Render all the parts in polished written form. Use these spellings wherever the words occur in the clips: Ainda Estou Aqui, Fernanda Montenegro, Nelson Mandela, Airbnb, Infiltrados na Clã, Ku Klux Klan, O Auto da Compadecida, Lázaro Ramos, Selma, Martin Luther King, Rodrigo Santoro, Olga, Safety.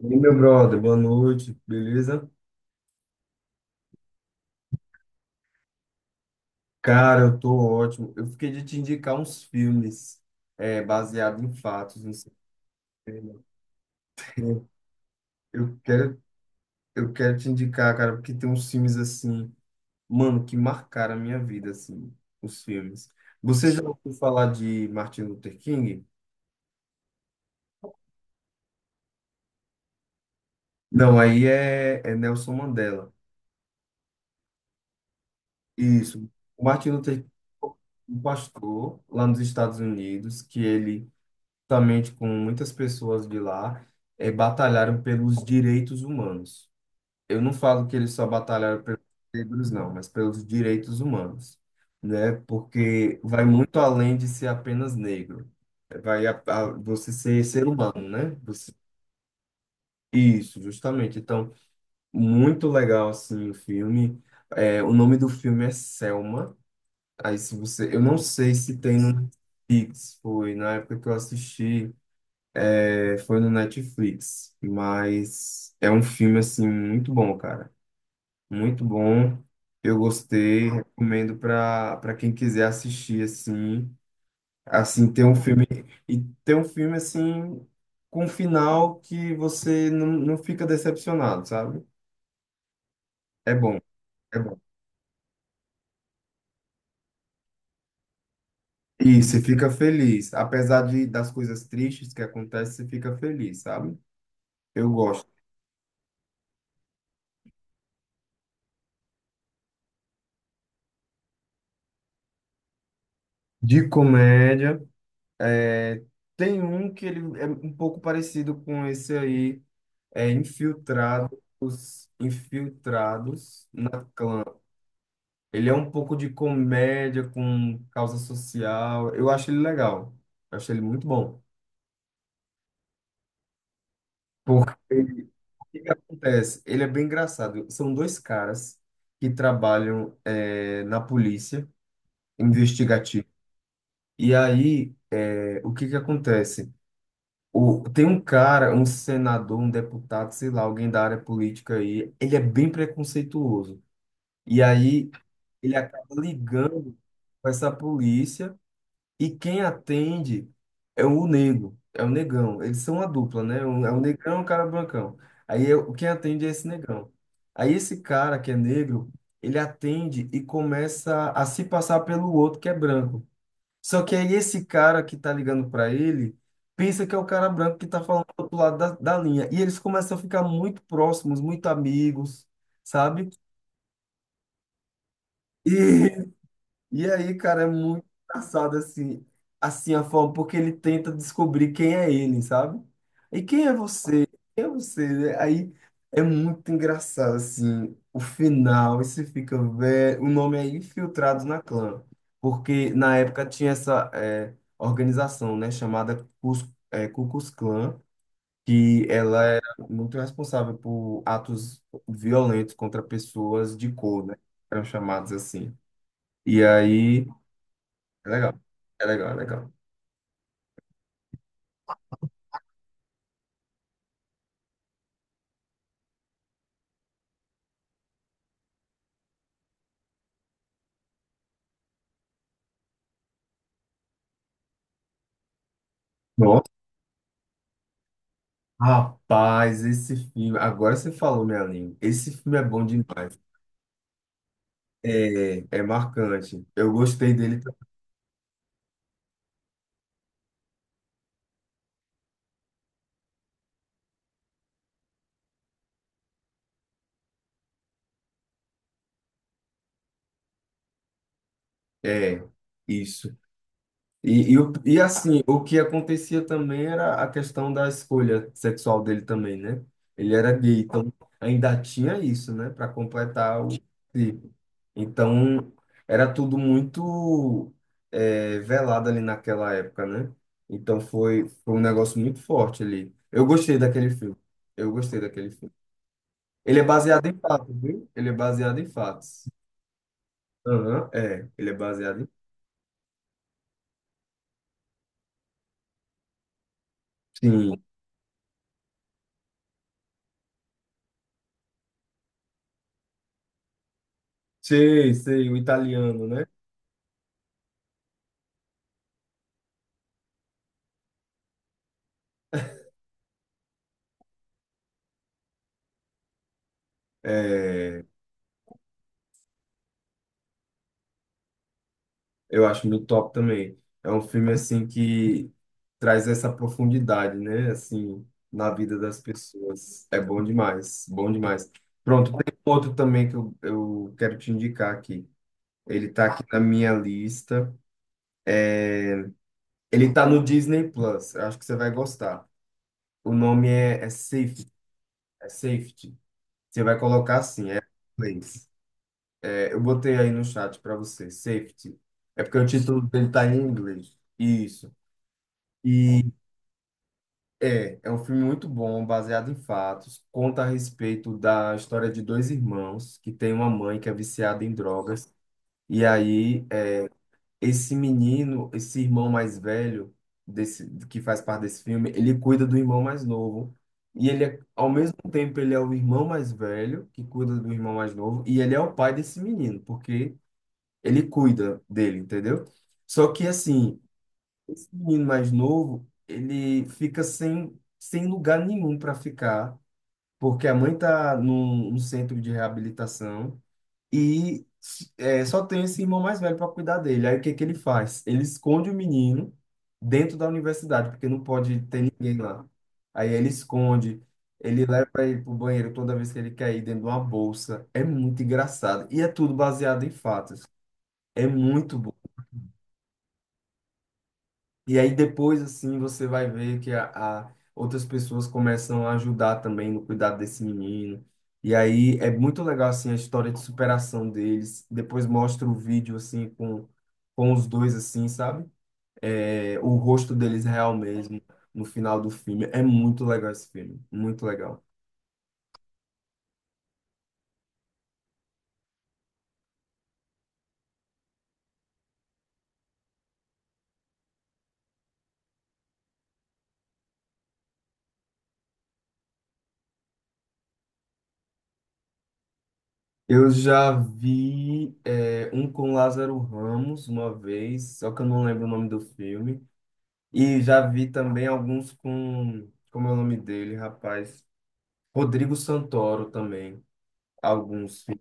E meu brother, boa noite, beleza? Cara, eu tô ótimo. Eu fiquei de te indicar uns filmes baseados em fatos. Não sei se tem, né? Eu quero, eu quero te indicar, cara, porque tem uns filmes assim, mano, que marcaram a minha vida, assim, os filmes. Você já ouviu falar de Martin Luther King? Não, aí é Nelson Mandela. Isso. O Martin Luther King, um pastor lá nos Estados Unidos, que ele juntamente com muitas pessoas de lá, batalharam pelos direitos humanos. Eu não falo que eles só batalharam pelos negros, não, mas pelos direitos humanos, né? Porque vai muito além de ser apenas negro. Você ser humano, né? Isso, justamente. Então, muito legal, assim, o filme. O nome do filme é Selma. Aí, se você... eu não sei se tem no Netflix, foi na época que eu assisti. É, foi no Netflix, mas é um filme assim muito bom, cara. Muito bom. Eu gostei, recomendo para quem quiser assistir assim ter um filme e ter um filme assim com um final que você não, não fica decepcionado, sabe? É bom, é bom. E você fica feliz, apesar de das coisas tristes que acontecem, você fica feliz, sabe? Eu gosto. De comédia. É, tem um que ele é um pouco parecido com esse aí, é Infiltrados na Clã. Ele é um pouco de comédia com causa social. Eu acho ele legal. Eu acho ele muito bom. Porque o que que acontece? Ele é bem engraçado. São dois caras que trabalham na polícia investigativa. E aí, o que que acontece? Tem um cara, um senador, um deputado, sei lá, alguém da área política aí, ele é bem preconceituoso. E aí ele acaba ligando com essa polícia e quem atende é o negro, é o negão. Eles são a dupla, né? Um, é o negrão e o cara brancão. Aí quem atende é esse negão. Aí esse cara que é negro, ele atende e começa a se passar pelo outro que é branco. Só que aí esse cara que tá ligando pra ele pensa que é o cara branco que tá falando do outro lado da linha. E eles começam a ficar muito próximos, muito amigos, sabe? E aí, cara, é muito engraçado assim a forma, porque ele tenta descobrir quem é ele, sabe? E quem é você? Quem é você, né? Aí é muito engraçado assim, o final, e você fica velho. O nome é Infiltrados na Clã, porque na época tinha essa organização, né, chamada Ku Klux Klan, que ela era muito responsável por atos violentos contra pessoas de cor, né? Eram chamados assim. E aí é legal. É legal, é legal. Nossa, rapaz, esse filme. Agora você falou minha língua. Esse filme é bom demais. É marcante. Eu gostei dele. É, isso. E assim, o que acontecia também era a questão da escolha sexual dele também, né? Ele era gay, então ainda tinha isso, né? Para completar o ciclo. Então, era tudo muito velado ali naquela época, né? Então, foi um negócio muito forte ali. Eu gostei daquele filme. Eu gostei daquele filme. Ele é baseado em fatos, viu? Ele é baseado em fatos. Aham, é. Ele é baseado em... Sim. Sei, sei, o italiano, né? É, eu acho muito top também. É um filme assim que traz essa profundidade, né? Assim, na vida das pessoas. É bom demais, bom demais. Pronto, tem um outro também que eu quero te indicar aqui. Ele tá aqui na minha lista. Ele tá no Disney Plus. Eu acho que você vai gostar. O nome é Safety. É Safety. Você vai colocar assim, em inglês. É, eu botei aí no chat para você, Safety. É porque o título dele tá em inglês. Isso. E é um filme muito bom, baseado em fatos. Conta a respeito da história de dois irmãos que tem uma mãe que é viciada em drogas. E aí, esse menino, esse irmão mais velho desse, que faz parte desse filme, ele cuida do irmão mais novo. E ele, ao mesmo tempo, ele é o irmão mais velho que cuida do irmão mais novo. E ele é o pai desse menino, porque ele cuida dele, entendeu? Só que assim. Esse menino mais novo, ele fica sem lugar nenhum para ficar, porque a mãe tá num centro de reabilitação e só tem esse irmão mais velho para cuidar dele. Aí o que que ele faz? Ele esconde o menino dentro da universidade, porque não pode ter ninguém lá. Aí ele esconde, ele leva ele pro banheiro toda vez que ele quer ir dentro de uma bolsa. É muito engraçado e é tudo baseado em fatos. É muito bom. E aí depois, assim, você vai ver que outras pessoas começam a ajudar também no cuidado desse menino. E aí é muito legal, assim, a história de superação deles. Depois mostra o vídeo, assim, com os dois, assim, sabe? É, o rosto deles real mesmo no final do filme. É muito legal esse filme, muito legal. Eu já vi, um com Lázaro Ramos uma vez, só que eu não lembro o nome do filme. E já vi também alguns como é o nome dele, rapaz? Rodrigo Santoro também. Alguns fi-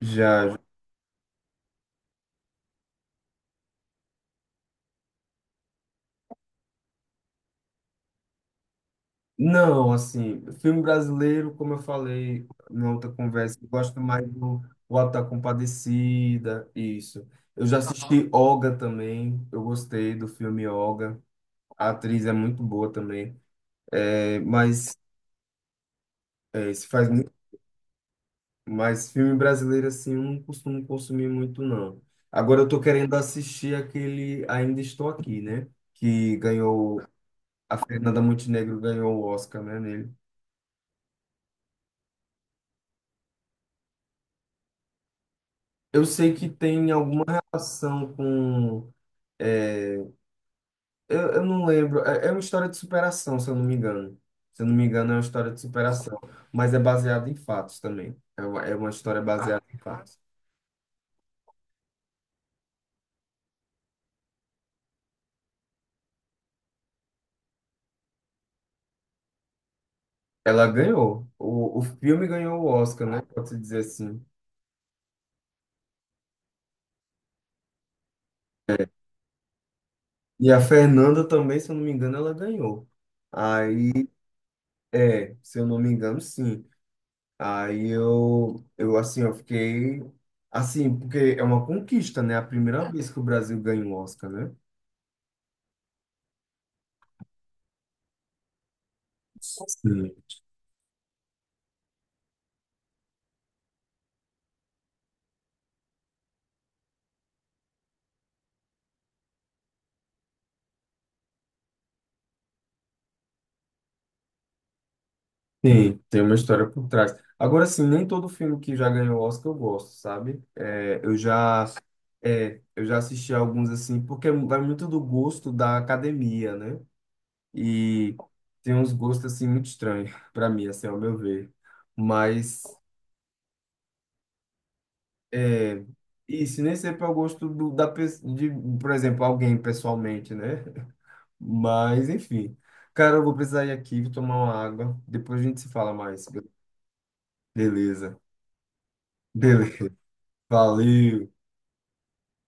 Já. Não, assim, filme brasileiro, como eu falei na outra conversa, eu gosto mais do O Auto da Compadecida, isso. Eu já assisti Olga também, eu gostei do filme Olga. A atriz é muito boa também. É, mas isso faz. Mas filme brasileiro, assim, eu não costumo consumir muito, não. Agora eu tô querendo assistir aquele Ainda Estou Aqui, né? Que ganhou, a Fernanda Montenegro ganhou o Oscar, né, nele. Eu sei que tem alguma relação com... é, eu não lembro. É uma história de superação, se eu não me engano. Se eu não me engano, é uma história de superação. Mas é baseada em fatos também. É uma história baseada em fatos. Ela ganhou. O filme ganhou o Oscar, né? Pode-se dizer assim. E a Fernanda também, se eu não me engano, ela ganhou. Aí, se eu não me engano, sim. Aí eu assim, eu fiquei assim, porque é uma conquista, né? A primeira vez que o Brasil ganha um Oscar, né? Sim. Sim, tem uma história por trás. Agora, sim, nem todo filme que já ganhou Oscar eu gosto, sabe? Eu já assisti alguns assim, porque vai muito do gosto da academia, né? E tem uns gostos assim muito estranhos para mim, assim, ao meu ver. Mas é isso, nem sempre é o gosto do, da pessoa, por exemplo, alguém pessoalmente, né? Mas enfim. Cara, eu vou precisar ir aqui, vou tomar uma água. Depois a gente se fala mais. Beleza. Beleza. Valeu.